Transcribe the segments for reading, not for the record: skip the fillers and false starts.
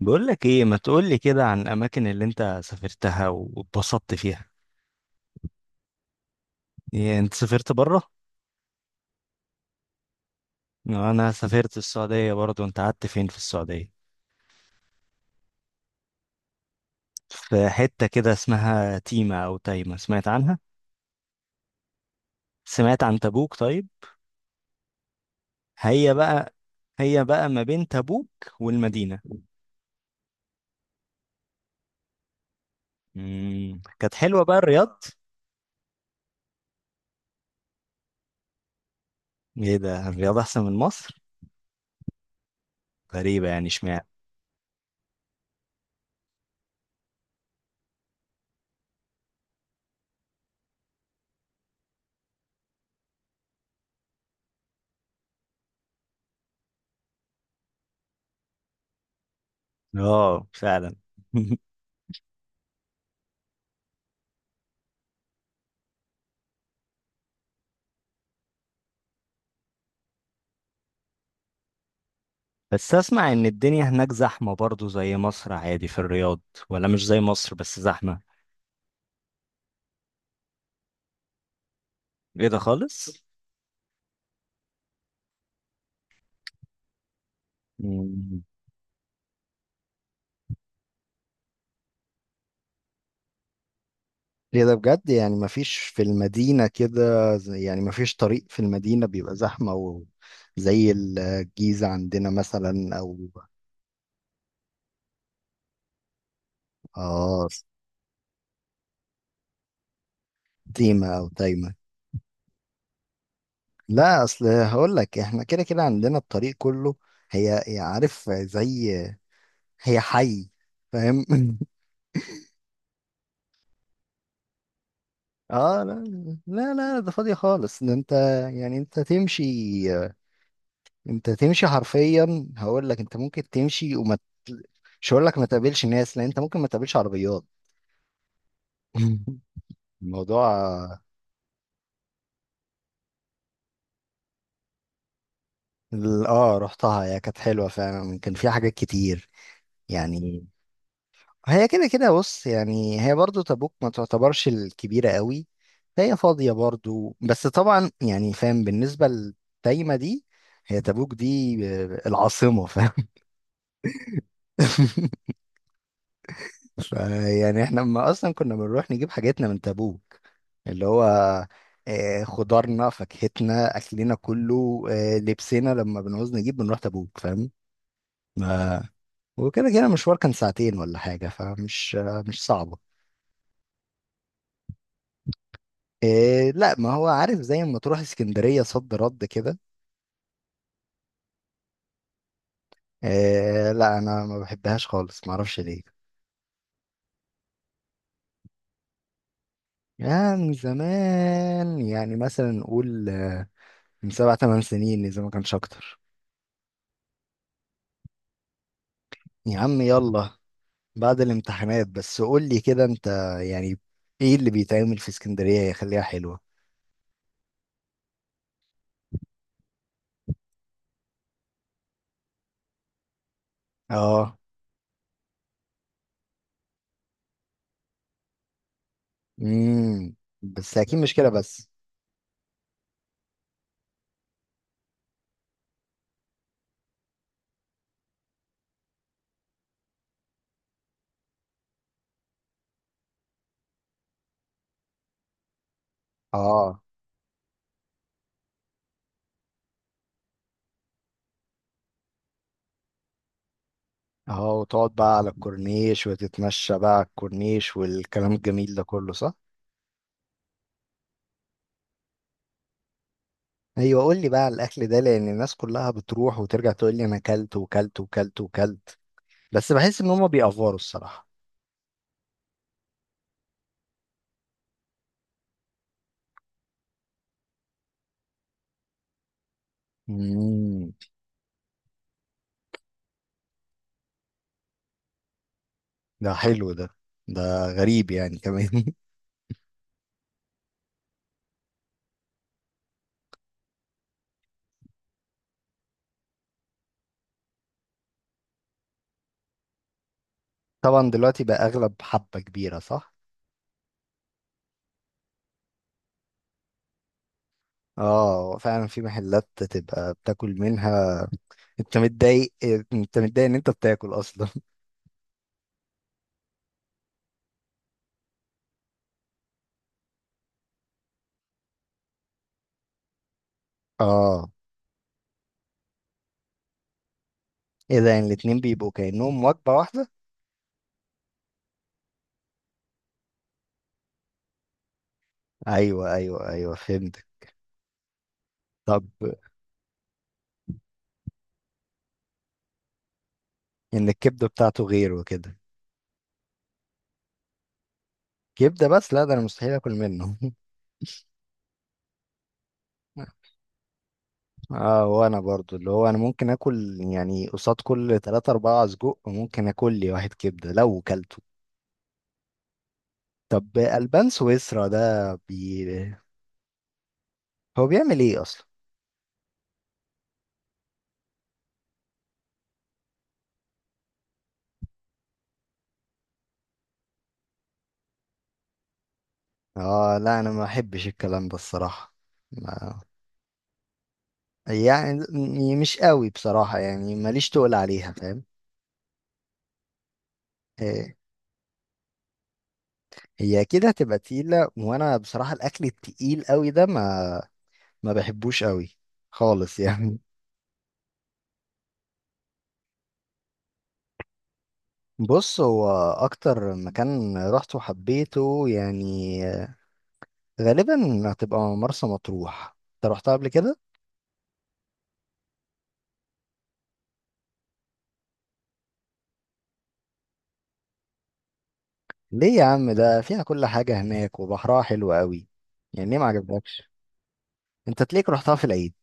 بقول لك ايه، ما تقول لي كده عن الاماكن اللي انت سافرتها واتبسطت فيها؟ إيه، انت سافرت بره؟ انا سافرت السعوديه برضو. انت قعدت فين في السعوديه؟ في حته كده اسمها تيمه او تايمه، سمعت عنها؟ سمعت عن تبوك طيب؟ هي بقى. هي بقى ما بين تبوك والمدينه. كانت حلوه بقى الرياض؟ ايه ده، الرياض احسن من مصر؟ غريبه يعني، اشمعنى؟ اه، فعلا. بس اسمع ان الدنيا هناك زحمة برضو زي مصر، عادي في الرياض؟ ولا مش زي مصر، بس زحمة؟ ايه ده خالص؟ مم. ليه ده بجد؟ يعني مفيش في المدينة كده، يعني مفيش طريق في المدينة بيبقى زحمة زي الجيزة عندنا مثلا، أو آه تيمة أو تايمة. لا، أصل هقول لك إحنا كده كده عندنا الطريق كله. هي هي عارف زي، هي حي، فاهم؟ اه، لا، لا، لا، ده فاضية خالص، ده انت، يعني انت تمشي انت تمشي حرفيا، هقول لك انت ممكن تمشي مش هقول لك ما تقابلش ناس، لان انت ممكن ما تقابلش عربيات. الموضوع. اه، رحتها، هي كانت حلوة فعلا، كان فيها حاجات كتير، يعني. هي كده كده، بص يعني، هي برضو تبوك ما تعتبرش الكبيرة قوي، فهي فاضية برضو، بس طبعا يعني فاهم. بالنسبة للتايمة دي، هي تبوك دي العاصمة، فاهم؟ ف- يعني احنا ما اصلا كنا بنروح نجيب حاجاتنا من تبوك، اللي هو خضارنا فاكهتنا اكلنا كله، لبسنا لما بنعوز نجيب بنروح تبوك، فاهم؟ ما- وكده كده المشوار كان ساعتين ولا حاجة، فمش مش صعبة. لا، ما هو عارف، زي ما تروح اسكندرية صد رد كده. لا انا ما بحبهاش خالص، ما اعرفش ليه. يعني زمان، يعني مثلا نقول من 7 8 سنين اذا ما كانش اكتر. يا عم، يلا. بعد الامتحانات، بس قول لي كده انت، يعني، ايه اللي بيتعمل في اسكندرية يخليها حلوة؟ اه. امم. بس اكيد مش كده بس. اه. اه، وتقعد بقى على الكورنيش وتتمشى بقى على الكورنيش والكلام الجميل ده كله، صح؟ ايوه، قول لي بقى على الاكل ده، لان الناس كلها بتروح وترجع تقول لي انا اكلت وكلت وكلت وكلت، بس بحس ان هما بيأفوروا الصراحة. امم. ده حلو ده، ده غريب يعني كمان. طبعا دلوقتي بقى اغلب حبة كبيرة، صح؟ اه فعلا، في محلات تبقى بتاكل منها. انت متضايق انت متضايق ان انت بتاكل اصلا. اه. ايه ده، يعني الاتنين بيبقوا كأنهم وجبة واحدة؟ ايوه، ايوه، ايوه، فهمت. طب، ان الكبدة بتاعته غير وكده؟ كبدة بس، لا، ده انا مستحيل اكل منه. اه، وانا برضو اللي هو انا ممكن اكل، يعني قصاد كل تلاتة اربعة سجق ممكن اكل لي واحد كبدة لو كلته. طب، البان سويسرا ده هو بيعمل ايه اصلا؟ اه، لا انا ما احبش الكلام ده الصراحة، ما يعني مش قوي بصراحة، يعني ماليش تقول عليها، فاهم؟ إيه، هي كده هتبقى تقيلة، وانا بصراحة الاكل التقيل قوي ده ما بحبوش قوي، خالص يعني. بص هو اكتر مكان رحت وحبيته يعني، غالبا هتبقى مرسى مطروح، انت رحتها قبل كده؟ ليه يا عم، ده فيها كل حاجة هناك وبحرها حلو قوي، يعني ليه ما عجبكش؟ انت تليك رحتها في العيد؟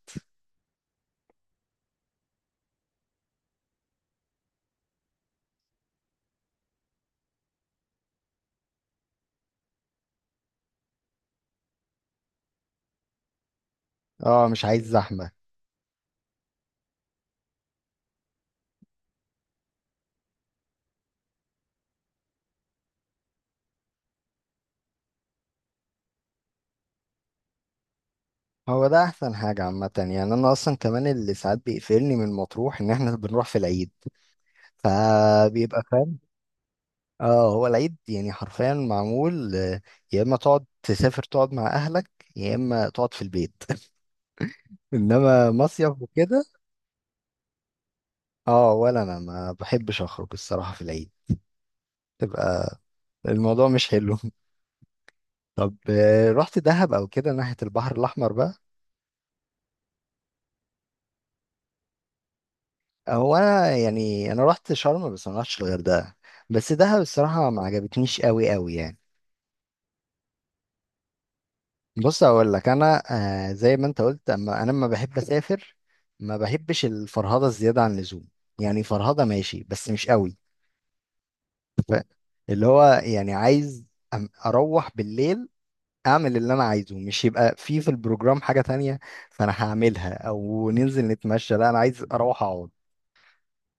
اه، مش عايز زحمة. هو ده احسن حاجة عامة، يعني انا اصلا كمان اللي ساعات بيقفلني من مطروح ان احنا بنروح في العيد، فبيبقى، فاهم؟ اه، هو العيد يعني حرفيا معمول يا اما تقعد تسافر تقعد مع اهلك، يا اما تقعد في البيت. انما مصيف وكده. اه، ولا انا ما بحبش اخرج الصراحة في العيد، تبقى الموضوع مش حلو. طب، رحت دهب او كده ناحية البحر الاحمر بقى؟ هو انا يعني، انا رحت شرم بس ما رحتش الغردقه. بس دهب الصراحه ما عجبتنيش قوي قوي يعني. بص اقول لك انا، زي ما انت قلت، اما انا لما بحب اسافر ما بحبش الفرهده الزياده عن اللزوم. يعني فرهده ماشي بس مش قوي. ف- اللي هو يعني عايز اروح بالليل، اعمل اللي انا عايزه، مش يبقى في البروجرام حاجه تانية فانا هعملها، او ننزل نتمشى. لا انا عايز اروح اقعد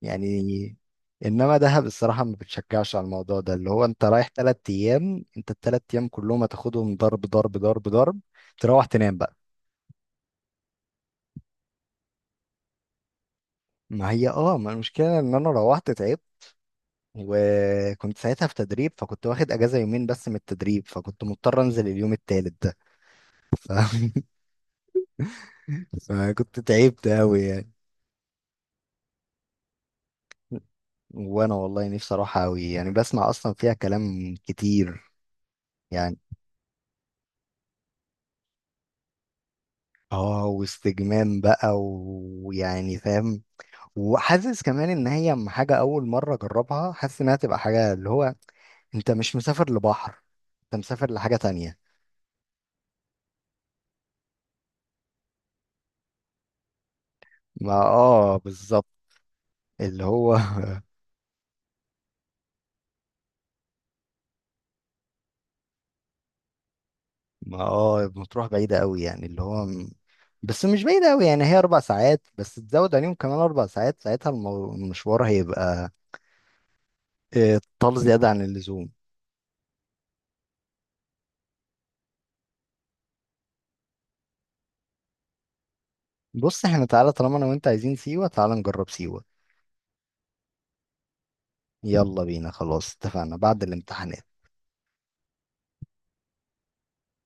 يعني. انما دهب الصراحه ما بتشجعش على الموضوع ده، اللي هو انت رايح 3 ايام، انت التلات ايام كلهم هتاخدهم ضرب ضرب ضرب ضرب، تروح تنام بقى. ما هي اه، ما المشكله ان انا روحت تعبت، وكنت ساعتها في تدريب فكنت واخد اجازه يومين بس من التدريب، فكنت مضطر انزل اليوم التالت ده. ف... فكنت تعبت قوي يعني. وانا والله نفسي اروح قوي، يعني بسمع اصلا فيها كلام كتير، يعني. اه، واستجمام بقى ويعني فاهم، وحاسس كمان ان هي حاجه اول مره اجربها، حاسس انها تبقى حاجه اللي هو انت مش مسافر لبحر، انت مسافر لحاجه تانية. ما اه بالظبط، اللي هو. ما اه بتروح بعيده قوي، يعني اللي هو بس مش بعيده قوي، يعني هي 4 ساعات بس، تزود عليهم كمان 4 ساعات، ساعتها المشوار هيبقى طال زياده عن اللزوم. بص احنا، تعالى طالما انا وانت عايزين سيوه، تعالى نجرب سيوه. يلا بينا، خلاص اتفقنا بعد الامتحان.